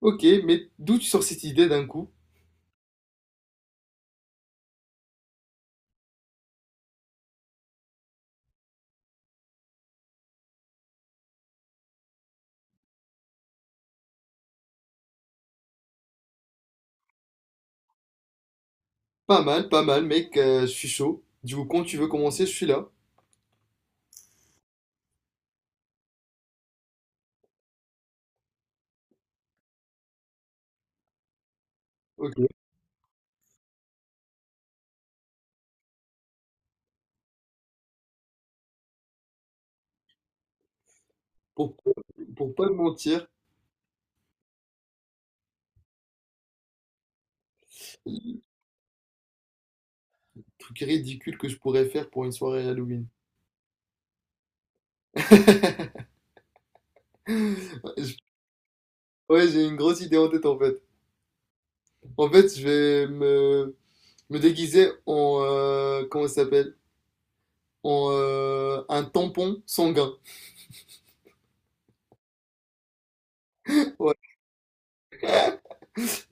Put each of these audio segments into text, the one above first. Ok, mais d'où tu sors cette idée d'un coup? Pas mal, pas mal, mec, je suis chaud. Du coup, quand tu veux commencer, je suis là. Ok. Pour, pour pas te mentir, le truc ridicule que je pourrais faire pour une soirée Halloween. Je- Ouais, j'ai une grosse idée en tête en fait. En fait, je vais me déguiser en, comment ça s'appelle? En un tampon sanguin. Ouais.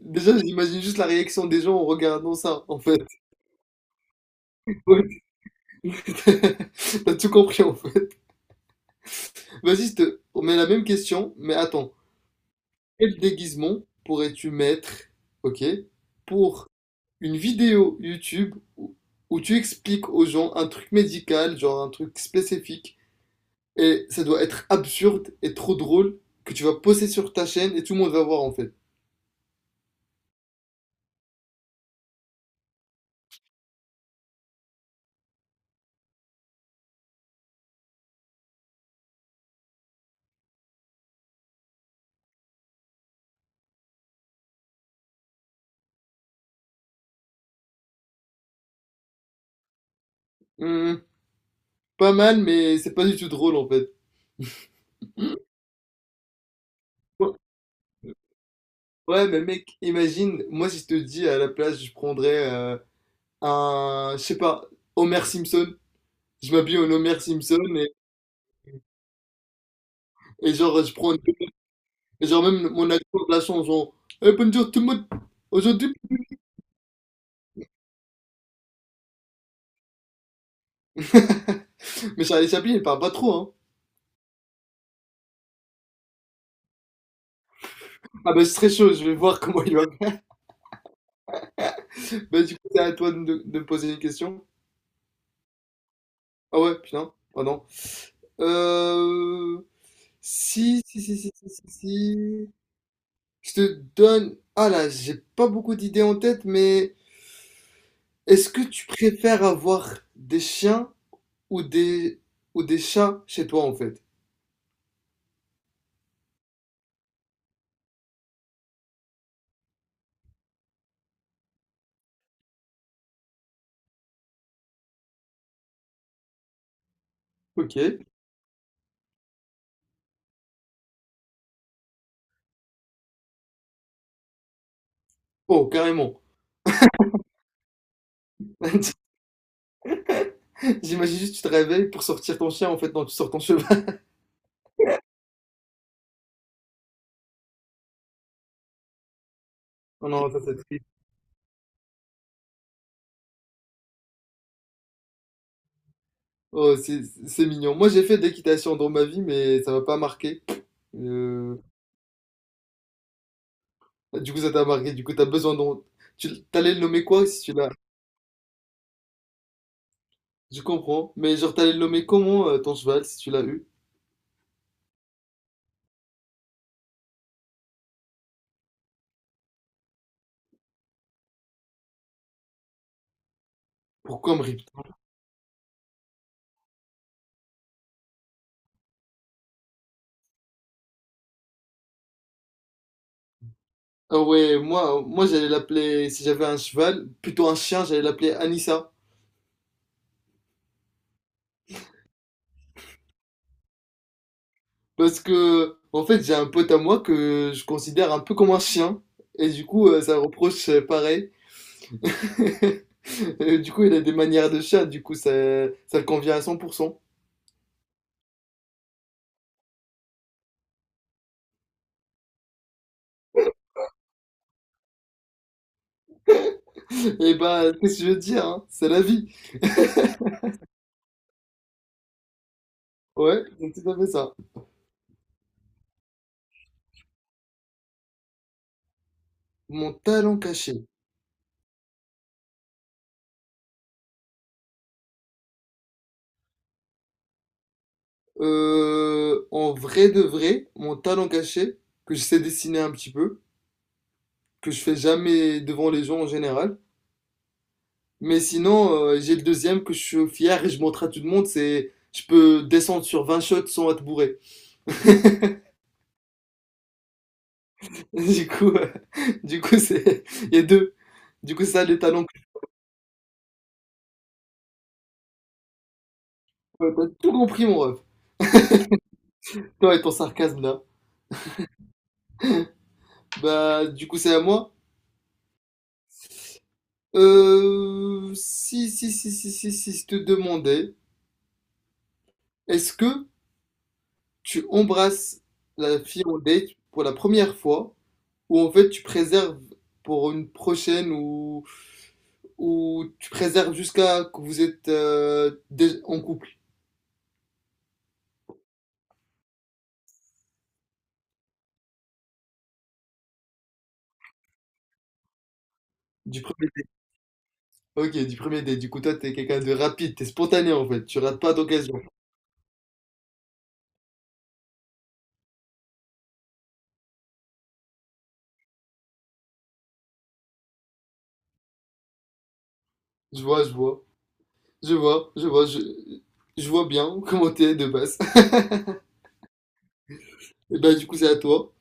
Déjà, j'imagine juste la réaction des gens en regardant ça en fait. Ouais. T'as tout compris. On met la même question, mais attends. Quel déguisement pourrais-tu mettre, ok, pour une vidéo YouTube où tu expliques aux gens un truc médical, genre un truc spécifique, et ça doit être absurde et trop drôle que tu vas poster sur ta chaîne et tout le monde va voir en fait. Hmm, pas mal, mais c'est pas du tout drôle en fait. Ouais, ouais, mais mec, imagine, moi si je te dis à la place, je prendrais un, je sais pas, Homer Simpson. Je m'habille en Homer Simpson. Et genre, je prends. Et genre, même mon adjoint de la chanson, genre, eh, bonjour tout le monde, aujourd'hui. Mais ça, les applis, elle parle pas trop, hein. Ah, bah, c'est très chaud, je vais voir comment il va. Bah, du coup, c'est à toi de me poser une question. Ah, ouais, putain, ah non. Euh. Si, si, si, si, si, si, si. Je te donne. Ah là, j'ai pas beaucoup d'idées en tête, mais est-ce que tu préfères avoir des chiens ou des, ou des chats chez toi, en fait? Ok. Oh, carrément. J'imagine juste, tu te réveilles pour sortir ton chien, en fait, non, tu sors ton cheval. Oh non, ça c'est triste. Oh, c'est mignon. Moi, j'ai fait de l'équitation dans ma vie, mais ça m'a pas marqué. Euh, du coup, ça t'a marqué. Du coup, t'as besoin d'un... Tu t'allais le nommer quoi si tu l'as? Je comprends. Mais genre, t'allais le nommer comment ton cheval si tu l'as eu? Pourquoi me rip? Ah ouais, moi j'allais l'appeler, si j'avais un cheval, plutôt un chien, j'allais l'appeler Anissa. Parce que, en fait, j'ai un pote à moi que je considère un peu comme un chien. Et du coup, ça reproche pareil. Et du coup, il a des manières de chat, du coup, ça le convient à 100%. Et bah, qu'est-ce que je veux dire, hein? C'est la vie. Ouais, donc tout à fait ça. Mon talent caché. En vrai de vrai, mon talent caché, que je sais dessiner un petit peu, que je fais jamais devant les gens en général. Mais sinon, j'ai le deuxième que je suis fier et je montre à tout le monde, c'est je peux descendre sur 20 shots sans être bourré. Du coup, c'est, il y a deux. Du coup, ça, les talents que je peux. T'as tout compris, mon ref. Toi et ton sarcasme, là. Bah, du coup, c'est à moi. Si, si, si, si, si, si, je te demandais, est-ce que tu embrasses la fille en date pour la première fois, ou en fait tu préserves pour une prochaine, ou tu préserves jusqu'à que vous êtes en couple, du premier date. Ok, du premier date. Du coup, toi, t'es quelqu'un de rapide, t'es spontané en fait, tu rates pas d'occasion. Je vois, je vois, je vois, je vois, je vois bien comment t'es de base. Et bah, du coup, c'est à toi.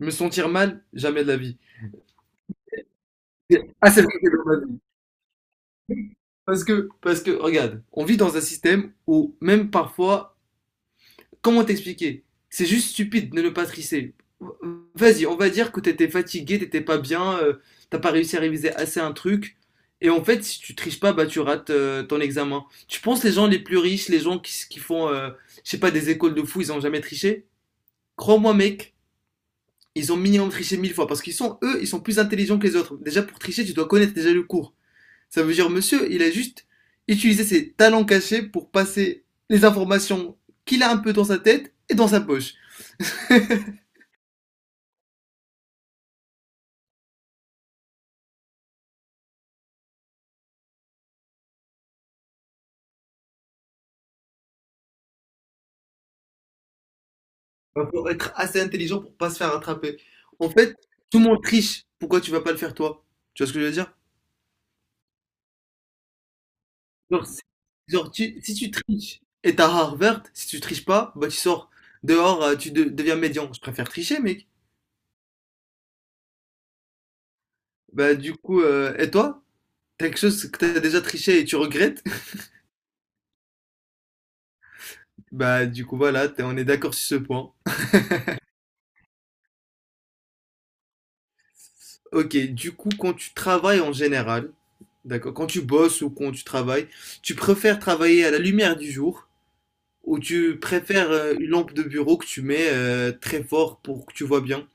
Me sentir mal, jamais de la vie. Ah, c'est vrai que c'est dans. Parce que, regarde, on vit dans un système où même parfois, comment t'expliquer? C'est juste stupide de ne pas tricher. Vas-y, on va dire que t'étais fatigué, t'étais pas bien, t'as pas réussi à réviser assez un truc. Et en fait, si tu triches pas, bah tu rates ton examen. Tu penses les gens les plus riches, les gens qui, qui font, je sais pas, des écoles de fous, ils ont jamais triché? Crois-moi, mec, ils ont minimum triché 1 000 fois parce qu'ils sont, eux, ils sont plus intelligents que les autres. Déjà, pour tricher, tu dois connaître déjà le cours. Ça veut dire, monsieur, il a juste utilisé ses talents cachés pour passer les informations qu'il a un peu dans sa tête et dans sa poche. Il faut être assez intelligent pour pas se faire attraper. En fait, tout le monde triche. Pourquoi tu vas pas le faire toi? Tu vois ce que je veux dire? Genre, genre, si tu triches et t'as rare verte, si tu triches pas, bah tu sors dehors, tu deviens médian. Je préfère tricher, mec. Bah du coup, et toi, t'as quelque chose que t'as déjà triché et tu regrettes? Bah du coup, voilà, on est d'accord sur ce point. Ok, du coup, quand tu travailles en général, d'accord, quand tu bosses ou quand tu travailles, tu préfères travailler à la lumière du jour ou tu préfères une lampe de bureau que tu mets très fort pour que tu vois bien?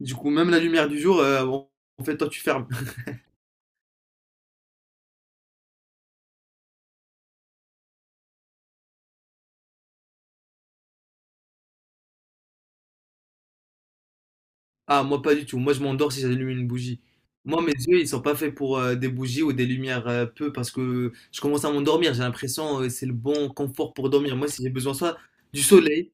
Du coup, même la lumière du jour, en fait, toi, tu fermes. Ah, moi, pas du tout. Moi, je m'endors si j'allume une bougie. Moi, mes yeux, ils sont pas faits pour des bougies ou des lumières peu parce que je commence à m'endormir. J'ai l'impression c'est le bon confort pour dormir. Moi, si j'ai besoin soit du soleil.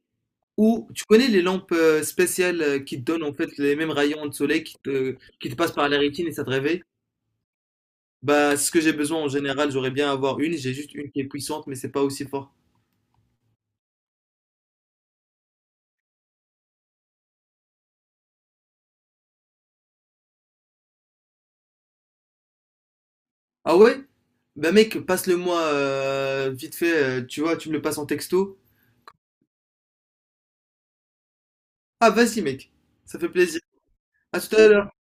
Ou tu connais les lampes spéciales qui te donnent en fait les mêmes rayons de soleil qui te passent par la rétine et ça te réveille? Bah, c'est ce que j'ai besoin en général, j'aurais bien à avoir une, j'ai juste une qui est puissante mais c'est pas aussi fort. Ah ouais? Bah mec, passe-le-moi vite fait, tu vois, tu me le passes en texto. Ah vas-y mec, ça fait plaisir. À tout à l'heure.